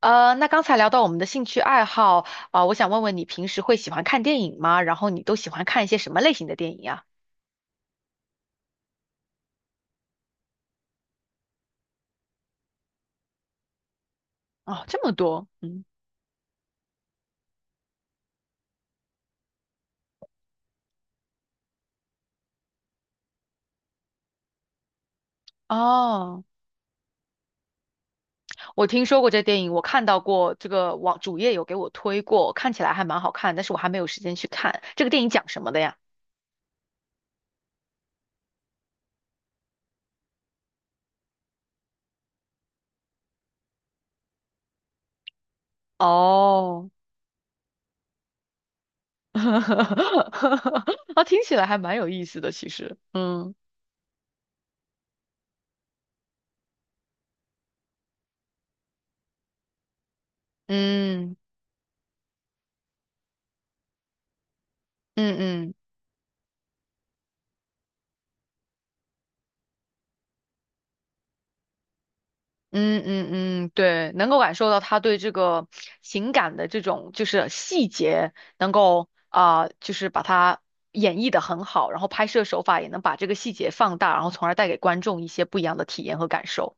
那刚才聊到我们的兴趣爱好，我想问问你平时会喜欢看电影吗？然后你都喜欢看一些什么类型的电影啊？哦，这么多，嗯，哦，我听说过这电影，我看到过这个网主页有给我推过，看起来还蛮好看，但是我还没有时间去看。这个电影讲什么的呀？哦，啊，听起来还蛮有意思的，其实，嗯嗯嗯。嗯嗯嗯，对，能够感受到他对这个情感的这种就是细节，能够就是把它演绎的很好，然后拍摄手法也能把这个细节放大，然后从而带给观众一些不一样的体验和感受。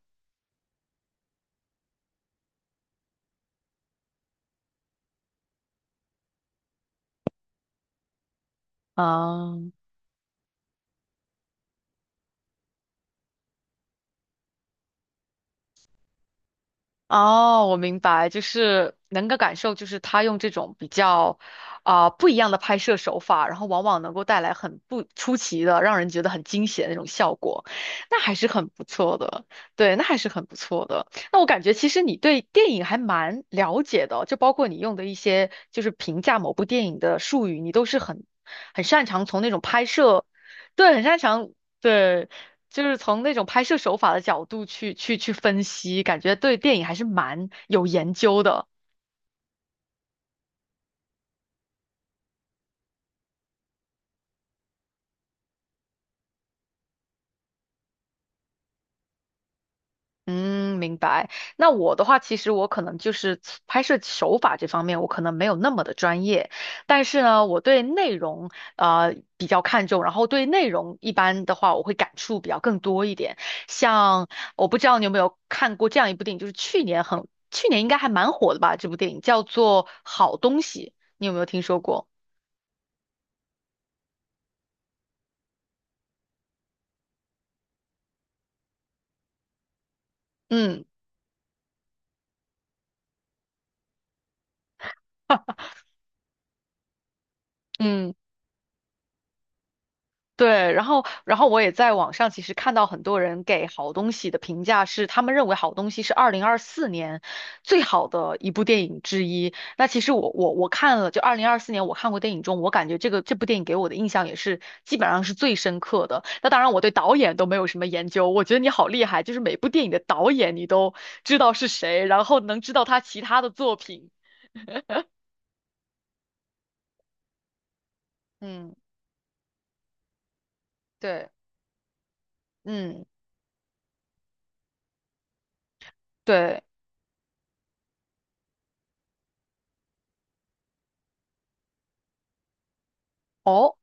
啊、哦，我明白，就是能够感受，就是他用这种比较不一样的拍摄手法，然后往往能够带来很不出奇的，让人觉得很惊喜的那种效果，那还是很不错的。对，那还是很不错的。那我感觉其实你对电影还蛮了解的哦，就包括你用的一些就是评价某部电影的术语，你都是很擅长从那种拍摄，对，很擅长对，就是从那种拍摄手法的角度去分析，感觉对电影还是蛮有研究的。嗯，明白。那我的话，其实我可能就是拍摄手法这方面，我可能没有那么的专业，但是呢，我对内容比较看重，然后对内容一般的话，我会感触比较更多一点。像我不知道你有没有看过这样一部电影，就是去年应该还蛮火的吧，这部电影叫做《好东西》，你有没有听说过？嗯。嗯，对,然后我也在网上其实看到很多人给好东西的评价是，他们认为好东西是二零二四年最好的一部电影之一。那其实我看了，就二零二四年我看过电影中，我感觉这部电影给我的印象也是基本上是最深刻的。那当然，我对导演都没有什么研究，我觉得你好厉害，就是每部电影的导演你都知道是谁，然后能知道他其他的作品。嗯，对，嗯，对，哦，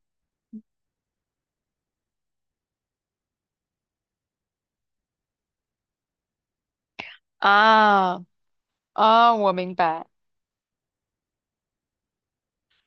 啊啊，我明白。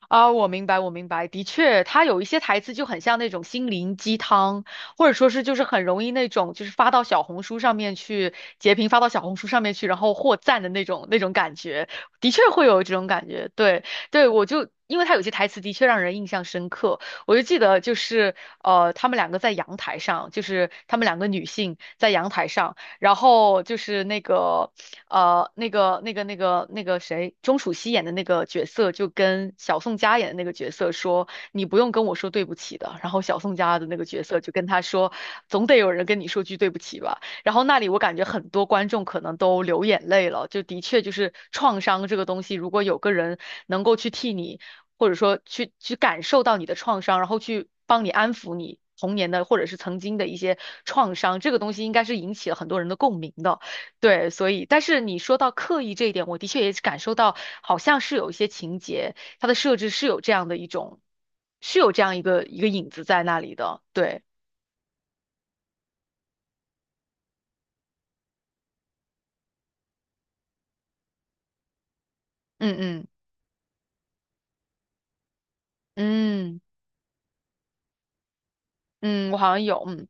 啊，我明白，我明白，的确，他有一些台词就很像那种心灵鸡汤，或者说很容易那种就是发到小红书上面去截屏，发到小红书上面去，然后获赞的那种感觉，的确会有这种感觉。对对，我就因为他有些台词的确让人印象深刻，我就记得就是他们两个在阳台上，就是他们两个女性在阳台上，然后就是那个。呃，那个谁，钟楚曦演的那个角色就跟小宋佳演的那个角色说：“你不用跟我说对不起的。”然后小宋佳的那个角色就跟他说：“总得有人跟你说句对不起吧。”然后那里我感觉很多观众可能都流眼泪了，就的确就是创伤这个东西，如果有个人能够去替你，或者说去感受到你的创伤，然后去帮你安抚你童年的或者是曾经的一些创伤，这个东西应该是引起了很多人的共鸣的。对，所以，但是你说到刻意这一点，我的确也是感受到，好像是有一些情节，它的设置是有这样的一种，是有这样一个影子在那里的。对，嗯嗯嗯嗯，我好像有，嗯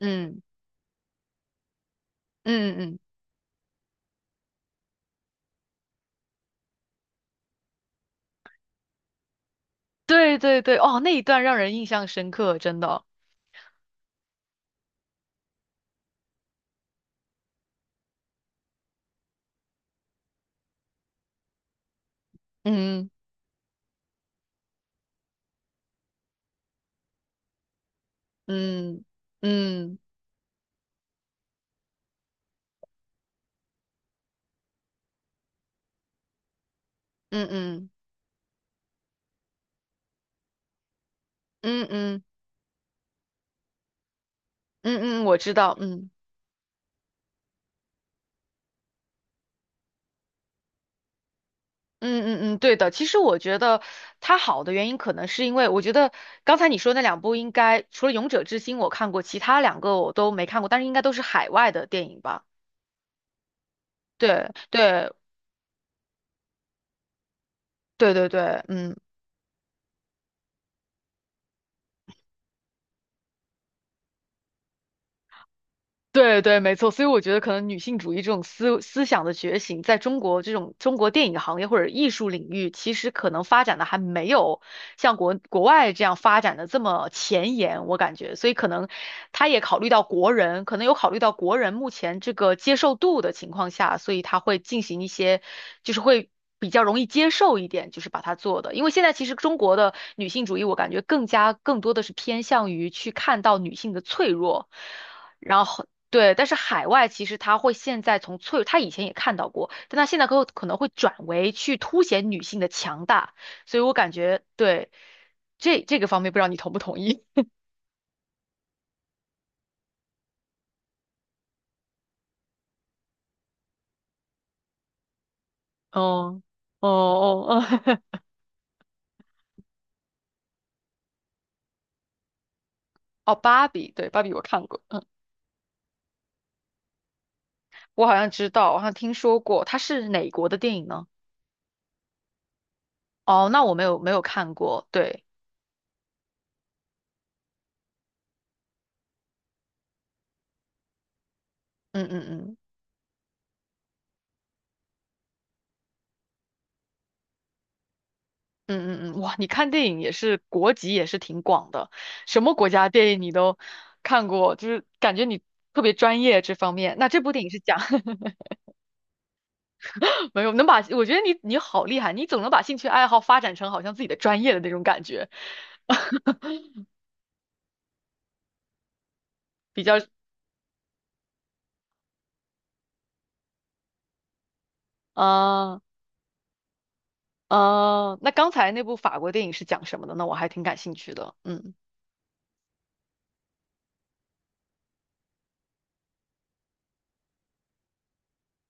嗯嗯嗯嗯，对对对，哦，那一段让人印象深刻，真的。嗯嗯嗯嗯嗯嗯嗯嗯嗯，嗯我知道，嗯。嗯嗯嗯，对的。其实我觉得它好的原因，可能是因为我觉得刚才你说那两部，应该除了《勇者之心》我看过，其他两个我都没看过，但是应该都是海外的电影吧？对对对对对，嗯。对对，没错，所以我觉得可能女性主义这种思想的觉醒，在中国电影行业或者艺术领域，其实可能发展的还没有像国外这样发展的这么前沿，我感觉，所以可能他也考虑到国人，可能有考虑到国人目前这个接受度的情况下，所以他会进行一些，就是会。比较容易接受一点，就是把它做的，因为现在其实中国的女性主义，我感觉更加更多的是偏向于去看到女性的脆弱，然后对，但是海外其实它会现在从脆，它以前也看到过，但它现在可能会转为去凸显女性的强大，所以我感觉对这个方面，不知道你同不同意？哦哦哦，哦 哦，芭比，对，芭比我看过，嗯，我好像知道，我好像听说过，它是哪国的电影呢？哦，那我没有看过，对，嗯嗯嗯。嗯嗯嗯，哇，你看电影也是国籍也是挺广的，什么国家电影你都看过，就是感觉你特别专业这方面。那这部电影是讲 没有能把，我觉得你你好厉害，你总能把兴趣爱好发展成好像自己的专业的那种感觉，比较，嗯、嗯、那刚才那部法国电影是讲什么的呢？我还挺感兴趣的，嗯，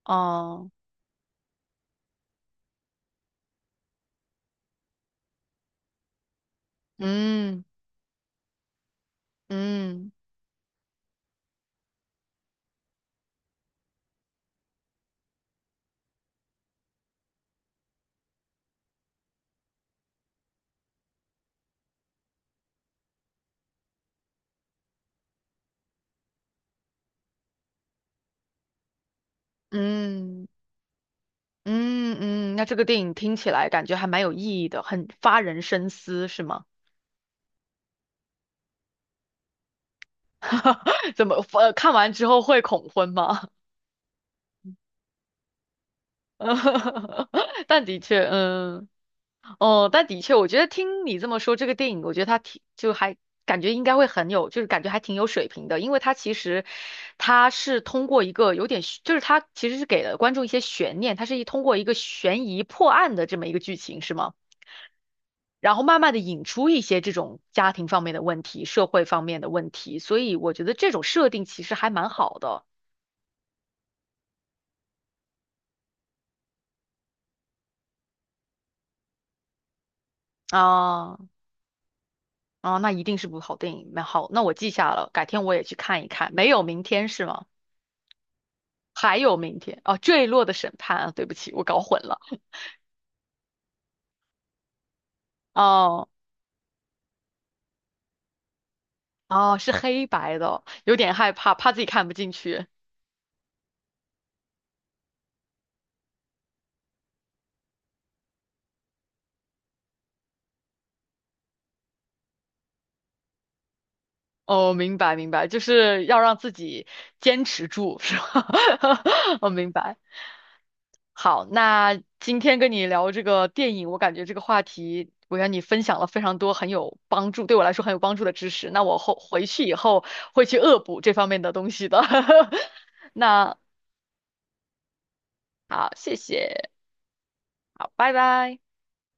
哦、嗯嗯嗯。嗯嗯，那这个电影听起来感觉还蛮有意义的，很发人深思，是吗？怎么，看完之后会恐婚吗？但的确，嗯，哦，但的确，我觉得听你这么说，这个电影，我觉得它挺，就还感觉应该会很有，就是感觉还挺有水平的，因为它其实它是通过一个有点悬，就是它其实是给了观众一些悬念，它是一通过一个悬疑破案的这么一个剧情，是吗？然后慢慢的引出一些这种家庭方面的问题、社会方面的问题，所以我觉得这种设定其实还蛮好的啊啊，那一定是部好电影，蛮好，那我记下了，改天我也去看一看。没有明天是吗？还有明天哦，坠落的审判啊，对不起，我搞混了哦哦，是黑白的，有点害怕，怕自己看不进去。哦，明白明白，就是要让自己坚持住，是吧？我明白。好，那今天跟你聊这个电影，我感觉这个话题，我让你分享了非常多很有帮助，对我来说很有帮助的知识。那我后回去以后会去恶补这方面的东西的。那好，谢谢，好，拜拜。